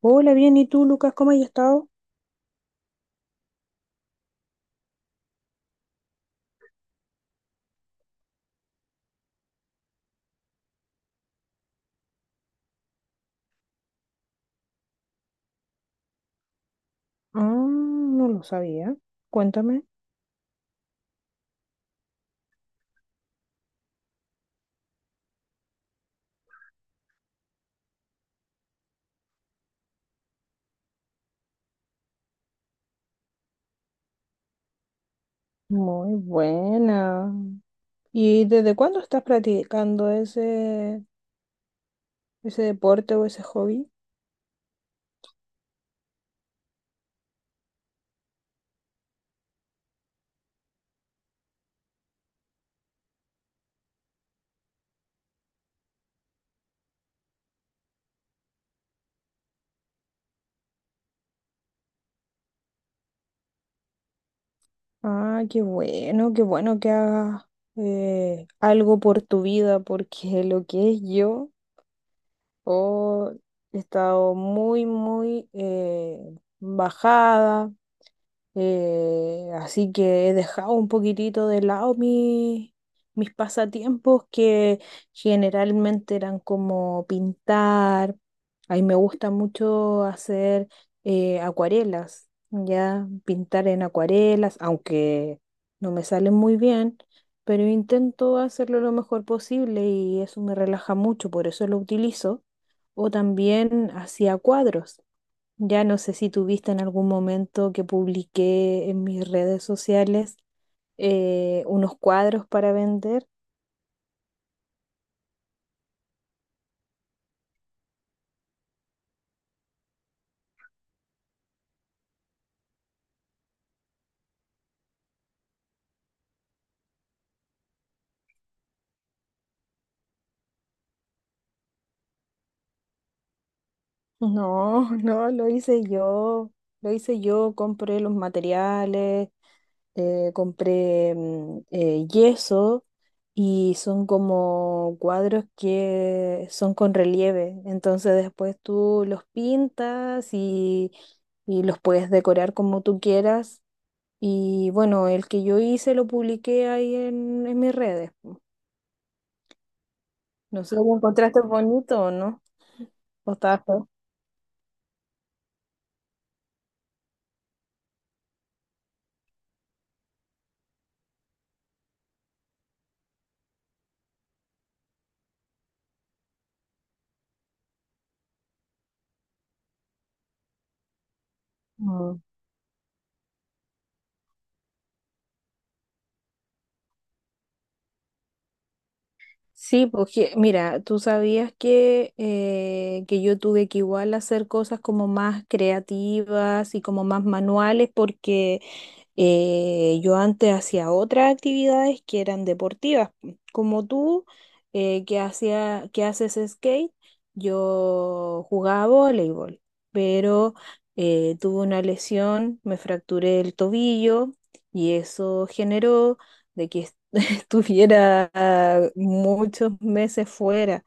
Hola, bien, ¿y tú, Lucas? ¿Cómo has estado? Ah, no lo sabía. Cuéntame. Muy buena. ¿Y desde cuándo estás practicando ese deporte o ese hobby? Ah, qué bueno que hagas algo por tu vida, porque lo que es yo, oh, he estado muy, muy bajada. Así que he dejado un poquitito de lado mis pasatiempos que generalmente eran como pintar. Ahí me gusta mucho hacer acuarelas, ya pintar en acuarelas, aunque no me salen muy bien, pero intento hacerlo lo mejor posible y eso me relaja mucho, por eso lo utilizo. O también hacía cuadros. Ya no sé si tuviste en algún momento que publiqué en mis redes sociales unos cuadros para vender. No, no, lo hice yo. Lo hice yo, compré los materiales, compré yeso, y son como cuadros que son con relieve. Entonces después tú los pintas y los puedes decorar como tú quieras. Y bueno, el que yo hice lo publiqué ahí en mis redes. No sé si lo encontraste bonito o no. O estaba feo. Mm. Sí, porque mira, tú sabías que yo tuve que igual hacer cosas como más creativas y como más manuales porque yo antes hacía otras actividades que eran deportivas, como tú. Que hacía, que haces skate, yo jugaba voleibol, pero tuve una lesión, me fracturé el tobillo y eso generó de que estuviera muchos meses fuera.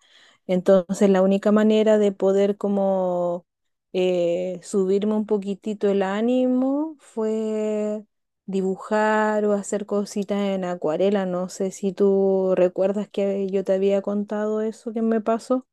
Entonces, la única manera de poder como subirme un poquitito el ánimo fue dibujar o hacer cositas en acuarela. No sé si tú recuerdas que yo te había contado eso que me pasó.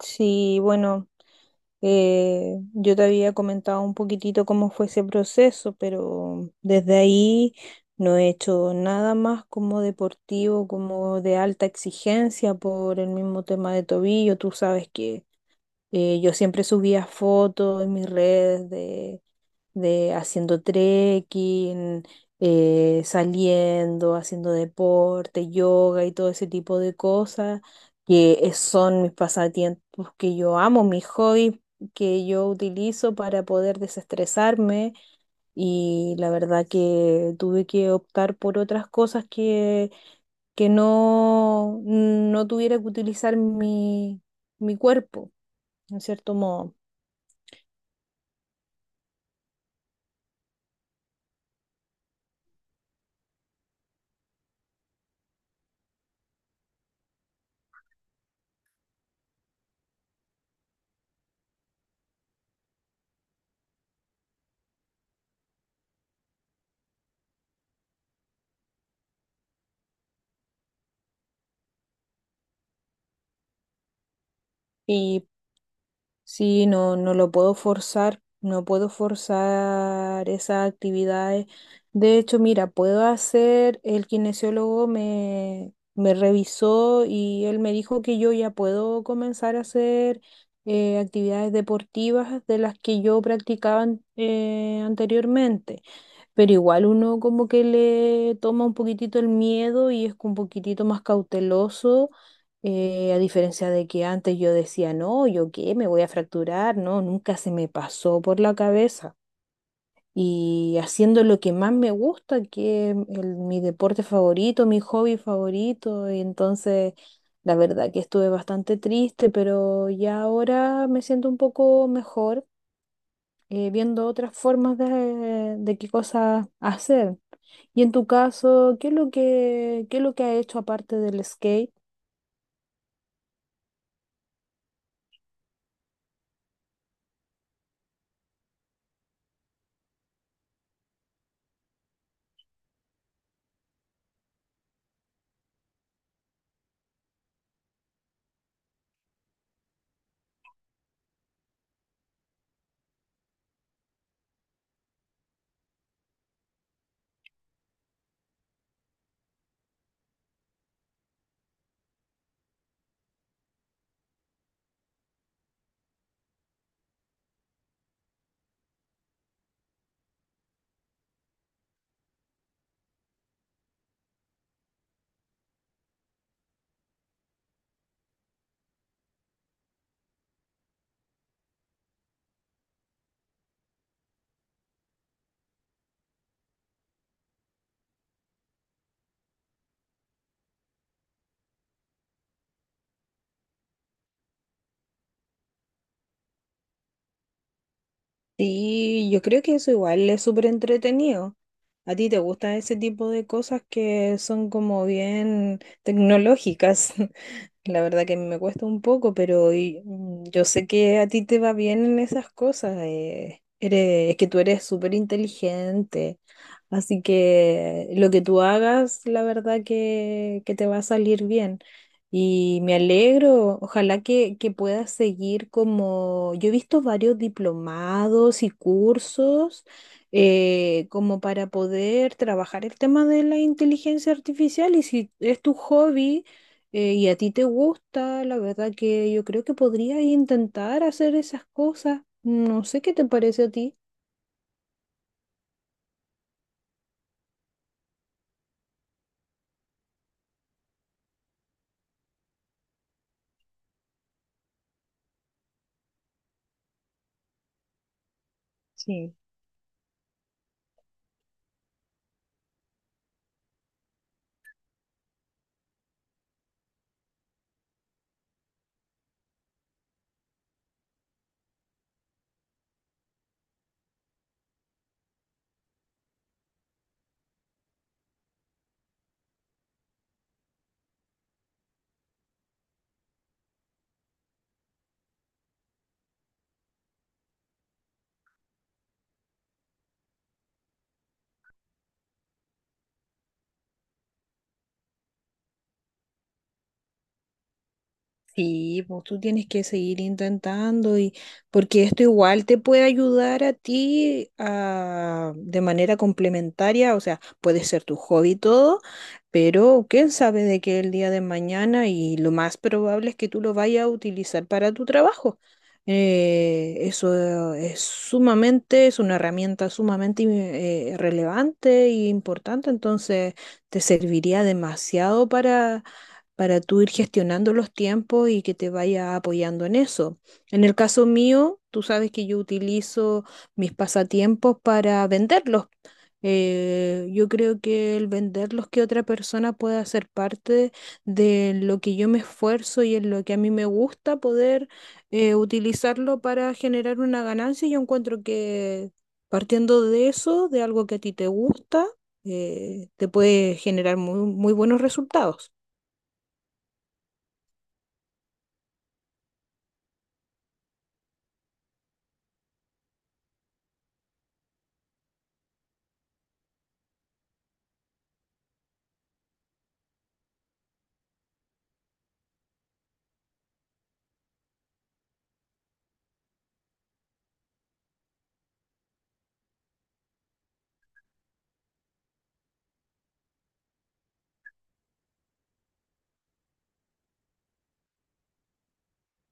Sí, bueno. Yo te había comentado un poquitito cómo fue ese proceso, pero desde ahí no he hecho nada más como deportivo, como de alta exigencia por el mismo tema de tobillo. Tú sabes que yo siempre subía fotos en mis redes de haciendo trekking, saliendo, haciendo deporte, yoga y todo ese tipo de cosas, son mis pasatiempos que yo amo, mis hobbies que yo utilizo para poder desestresarme, y la verdad que tuve que optar por otras cosas que no, no tuviera que utilizar mi cuerpo, en cierto modo. Y sí, no, no lo puedo forzar, no puedo forzar esas actividades. De hecho, mira, puedo hacer, el kinesiólogo me revisó y él me dijo que yo ya puedo comenzar a hacer actividades deportivas de las que yo practicaba anteriormente. Pero igual uno como que le toma un poquitito el miedo y es un poquitito más cauteloso, a diferencia de que antes yo decía, no, ¿yo qué? Me voy a fracturar, no, nunca se me pasó por la cabeza. Y haciendo lo que más me gusta, que es mi deporte favorito, mi hobby favorito, y entonces la verdad que estuve bastante triste, pero ya ahora me siento un poco mejor, viendo otras formas de qué cosas hacer. Y en tu caso, ¿qué es lo que, qué es lo que has hecho aparte del skate? Sí, yo creo que eso igual es súper entretenido. ¿A ti te gustan ese tipo de cosas que son como bien tecnológicas? La verdad que a mí me cuesta un poco, pero yo sé que a ti te va bien en esas cosas. Es que tú eres súper inteligente. Así que lo que tú hagas, la verdad que te va a salir bien. Y me alegro, ojalá que puedas seguir como... Yo he visto varios diplomados y cursos como para poder trabajar el tema de la inteligencia artificial, y si es tu hobby y a ti te gusta, la verdad que yo creo que podrías intentar hacer esas cosas. No sé qué te parece a ti. Sí. Sí, pues tú tienes que seguir intentando y porque esto igual te puede ayudar a ti de manera complementaria, o sea, puede ser tu hobby y todo, pero quién sabe de qué el día de mañana y lo más probable es que tú lo vayas a utilizar para tu trabajo. Eso es sumamente, es una herramienta sumamente relevante e importante, entonces te serviría demasiado para tú ir gestionando los tiempos y que te vaya apoyando en eso. En el caso mío, tú sabes que yo utilizo mis pasatiempos para venderlos. Yo creo que el venderlos, que otra persona pueda hacer parte de lo que yo me esfuerzo y en lo que a mí me gusta poder utilizarlo para generar una ganancia, yo encuentro que partiendo de eso, de algo que a ti te gusta, te puede generar muy, muy buenos resultados.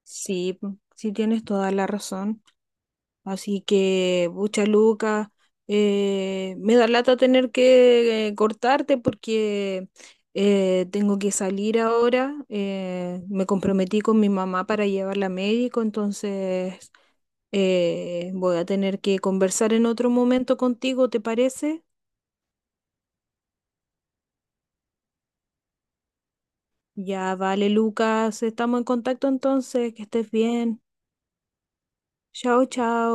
Sí, mm, sí tienes toda la razón. Así que, bucha Luca, me da lata tener que cortarte porque tengo que salir ahora. Me comprometí con mi mamá para llevarla a médico, entonces voy a tener que conversar en otro momento contigo, ¿te parece? Ya, vale, Lucas, estamos en contacto entonces, que estés bien. Chao, chao.